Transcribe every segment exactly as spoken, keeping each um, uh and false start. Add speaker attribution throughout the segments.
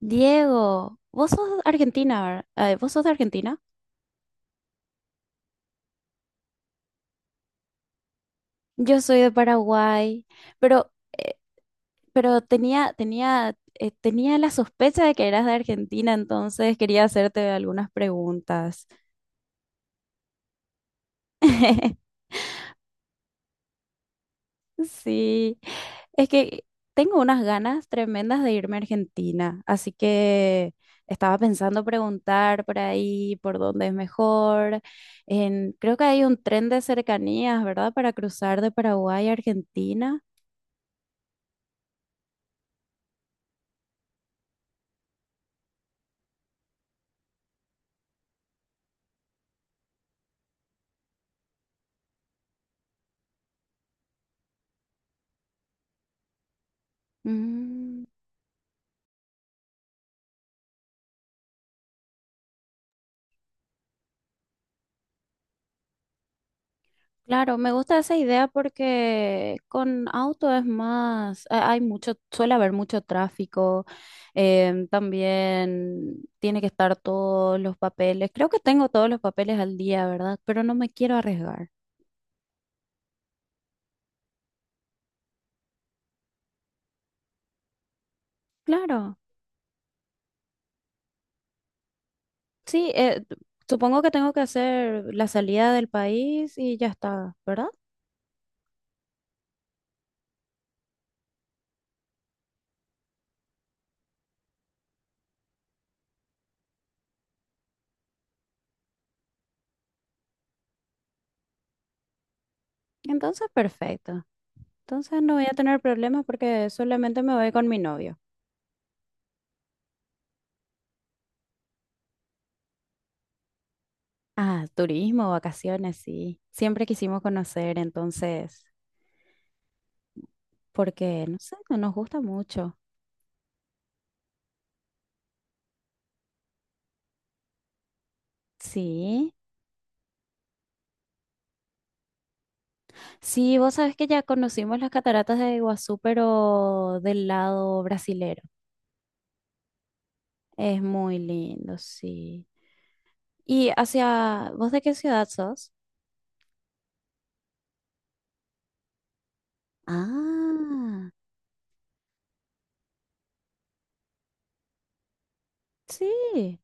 Speaker 1: Diego, vos sos de Argentina, ¿verdad? Ay, ¿vos sos de Argentina? Yo soy de Paraguay, pero, eh, pero tenía, tenía, eh, tenía la sospecha de que eras de Argentina, entonces quería hacerte algunas preguntas. Sí, es que tengo unas ganas tremendas de irme a Argentina, así que estaba pensando preguntar por ahí, por dónde es mejor. En, creo que hay un tren de cercanías, ¿verdad? Para cruzar de Paraguay a Argentina. Mm, claro, me gusta esa idea porque con auto es más, ha- hay mucho, suele haber mucho tráfico, em, también tiene que estar todos los papeles. Creo que tengo todos los papeles al día, ¿verdad? Pero no me quiero arriesgar. Claro, sí, eh, t- supongo que tengo que hacer la salida del país y ya está, ¿verdad? Entonces, perfecto. Entonces no voy a tener problemas porque solamente me voy con mi novio. Ah, turismo, vacaciones, sí. Siempre quisimos conocer, entonces, porque, no sé, no nos gusta mucho. Sí, sí, vos sabés que ya conocimos las cataratas de Iguazú, pero del lado brasilero. Es muy lindo, sí. ¿Y hacia, vos de qué ciudad sos? Ah, sí,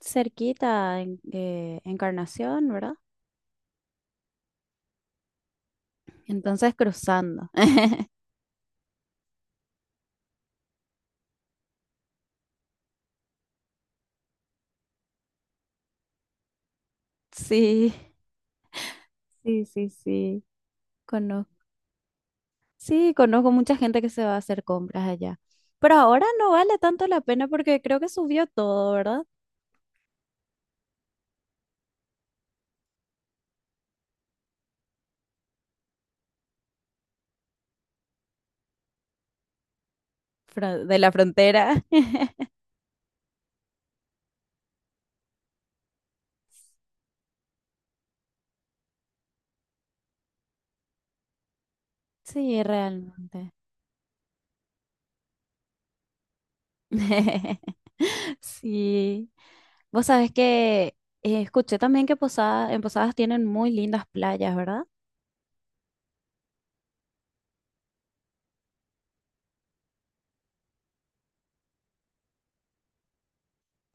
Speaker 1: cerquita, en, eh, Encarnación, ¿verdad? Entonces cruzando. Sí, sí, sí, sí. Sí, conozco mucha gente que se va a hacer compras allá. Pero ahora no vale tanto la pena porque creo que subió todo, ¿verdad? Fra- de la frontera. Sí, realmente. Sí. Vos sabés que eh, escuché también que Posada, en Posadas tienen muy lindas playas, ¿verdad?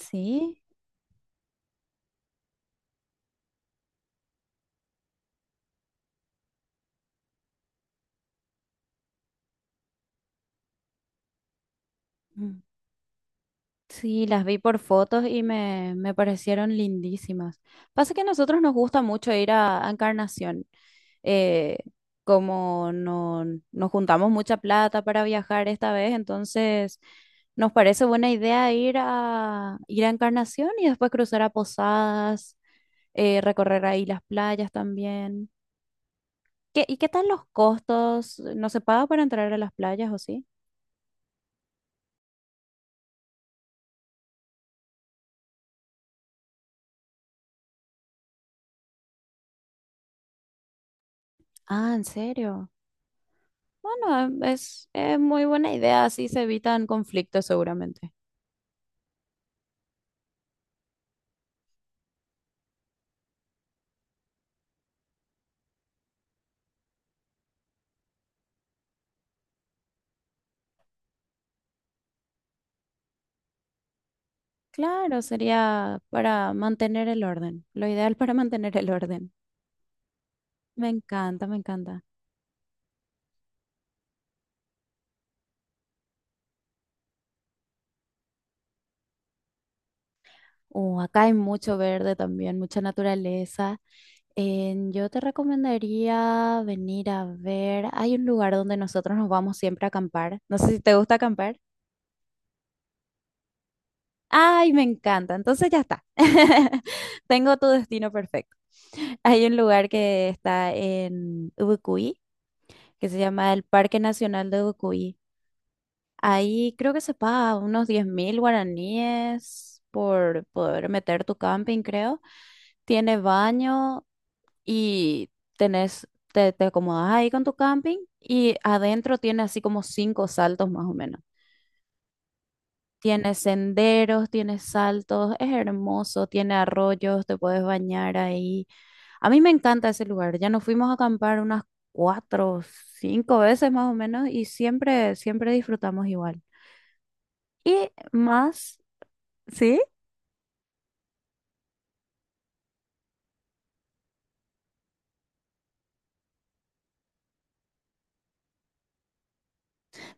Speaker 1: Sí. Sí, las vi por fotos y me, me parecieron lindísimas. Pasa que a nosotros nos gusta mucho ir a, a Encarnación. Eh, como no, nos juntamos mucha plata para viajar esta vez, entonces nos parece buena idea ir a, ir a Encarnación y después cruzar a Posadas, eh, recorrer ahí las playas también. ¿Qué, y qué tal los costos? ¿No se paga para entrar a las playas o sí? Ah, ¿en serio? Bueno, es, es muy buena idea, así se evitan conflictos seguramente. Claro, sería para mantener el orden, lo ideal para mantener el orden. Me encanta, me encanta. Uh, acá hay mucho verde también, mucha naturaleza. En- yo te recomendaría venir a ver, hay un lugar donde nosotros nos vamos siempre a acampar. No sé si te gusta acampar. Ay, me encanta, entonces ya está. Tengo tu destino perfecto. Hay un lugar que está en Ubucuy que se llama el Parque Nacional de Ducuy. Ahí creo que se paga unos diez mil guaraníes por poder meter tu camping, creo. Tiene baño y tenés, te, te acomodas ahí con tu camping y adentro tiene así como cinco saltos más o menos. Tiene senderos, tiene saltos, es hermoso, tiene arroyos, te puedes bañar ahí. A mí me encanta ese lugar. Ya nos fuimos a acampar unas cuatro, cinco veces más o menos y siempre, siempre disfrutamos igual. Y más, ¿sí?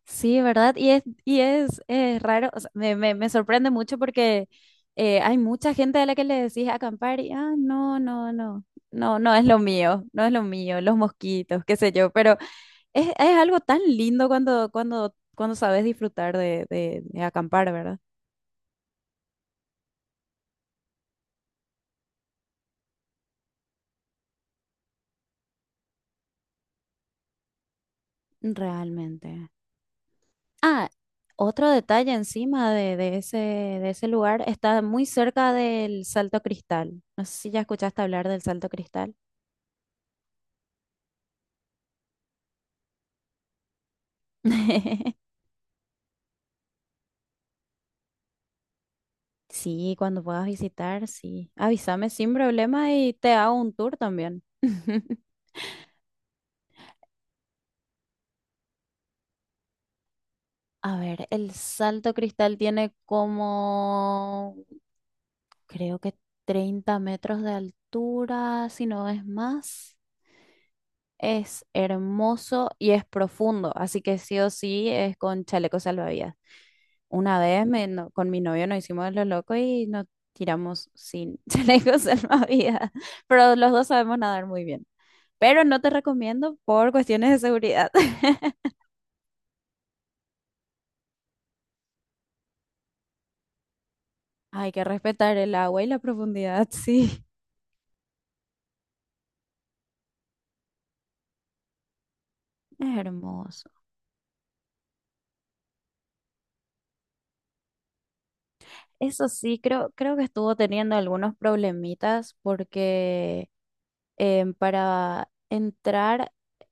Speaker 1: Sí, ¿verdad? Y es, y es, es raro, o sea, me, me, me sorprende mucho porque eh, hay mucha gente a la que le decís acampar y, ah, no, no, no, no, no es lo mío, no es lo mío, los mosquitos, qué sé yo, pero es, es algo tan lindo cuando, cuando, cuando sabes disfrutar de, de, de acampar, ¿verdad? Realmente. Ah, otro detalle encima de, de ese, de ese lugar, está muy cerca del Salto Cristal. No sé si ya escuchaste hablar del Salto Cristal. Sí, cuando puedas visitar, sí. Avísame sin problema y te hago un tour también. A ver, el Salto Cristal tiene como, creo que treinta metros de altura, si no es más. Es hermoso y es profundo, así que sí o sí es con chaleco salvavidas. Una vez me- no- con mi novio nos hicimos los locos y nos tiramos sin chalecos salvavidas, pero los dos sabemos nadar muy bien. Pero no te recomiendo por cuestiones de seguridad. Hay que respetar el agua y la profundidad, sí. Es hermoso. Eso sí, creo, creo que estuvo teniendo algunos problemitas porque em, para entrar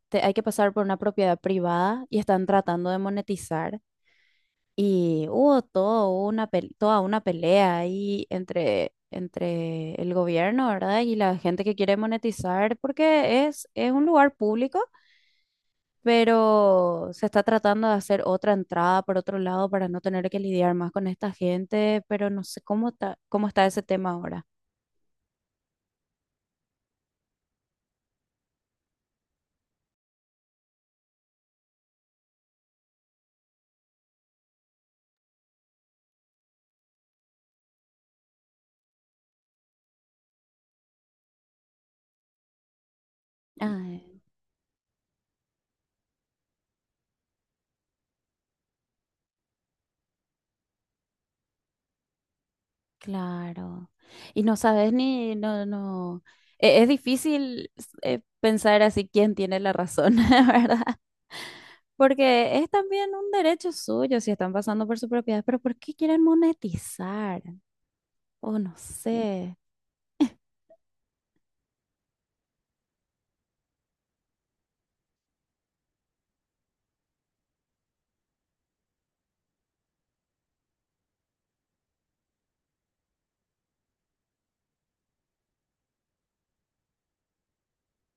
Speaker 1: te- hay que pasar por una propiedad privada y están tratando de monetizar. Y hubo todo una pel- toda una pelea ahí entre, entre el gobierno, ¿verdad? Y la gente que quiere monetizar, porque es, es un lugar público, pero se está tratando de hacer otra entrada por otro lado para no tener que lidiar más con esta gente, pero no sé cómo está, cómo está ese tema ahora. Claro. Y no sabes ni, no, no. e- Es difícil eh, pensar así quién tiene la razón, ¿verdad? Porque es también un derecho suyo si están pasando por su propiedad, pero ¿por qué quieren monetizar? O no sé.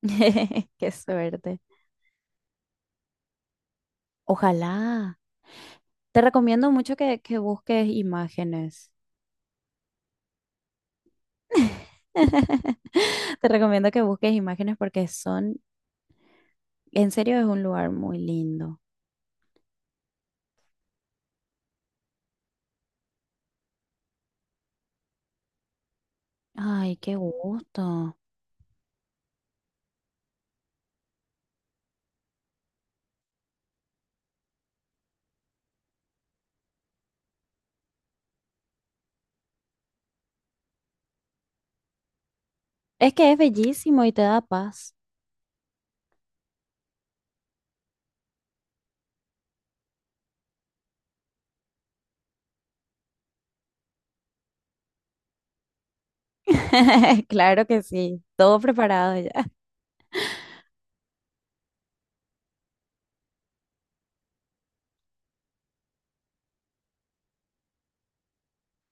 Speaker 1: Qué suerte. Ojalá. Te recomiendo mucho que, que busques imágenes. Te recomiendo que busques imágenes porque son, en serio, es un lugar muy lindo. Ay, qué gusto. Es que es bellísimo y te da paz. Claro que sí, todo preparado ya.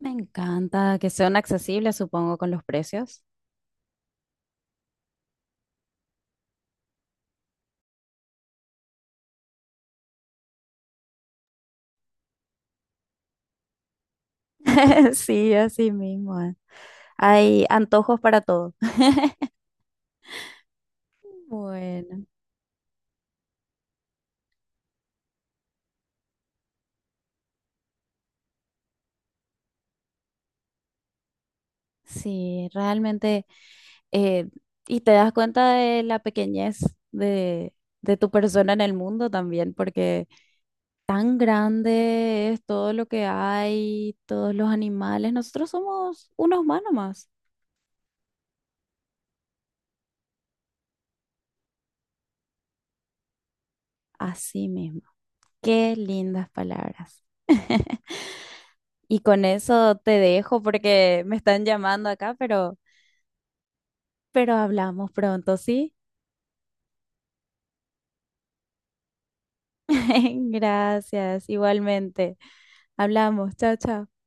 Speaker 1: Me encanta que sean accesibles, supongo, con los precios. Sí, así mismo. Eh. Hay antojos para todo. Bueno, sí, realmente, eh, y te das cuenta de la pequeñez de, de tu persona en el mundo también, porque tan grande es todo lo que hay, todos los animales. Nosotros somos unos más nomás. Así mismo. Qué lindas palabras. Y con eso te dejo porque me están llamando acá, pero, pero hablamos pronto, ¿sí? Gracias, igualmente. Hablamos, chao, chao.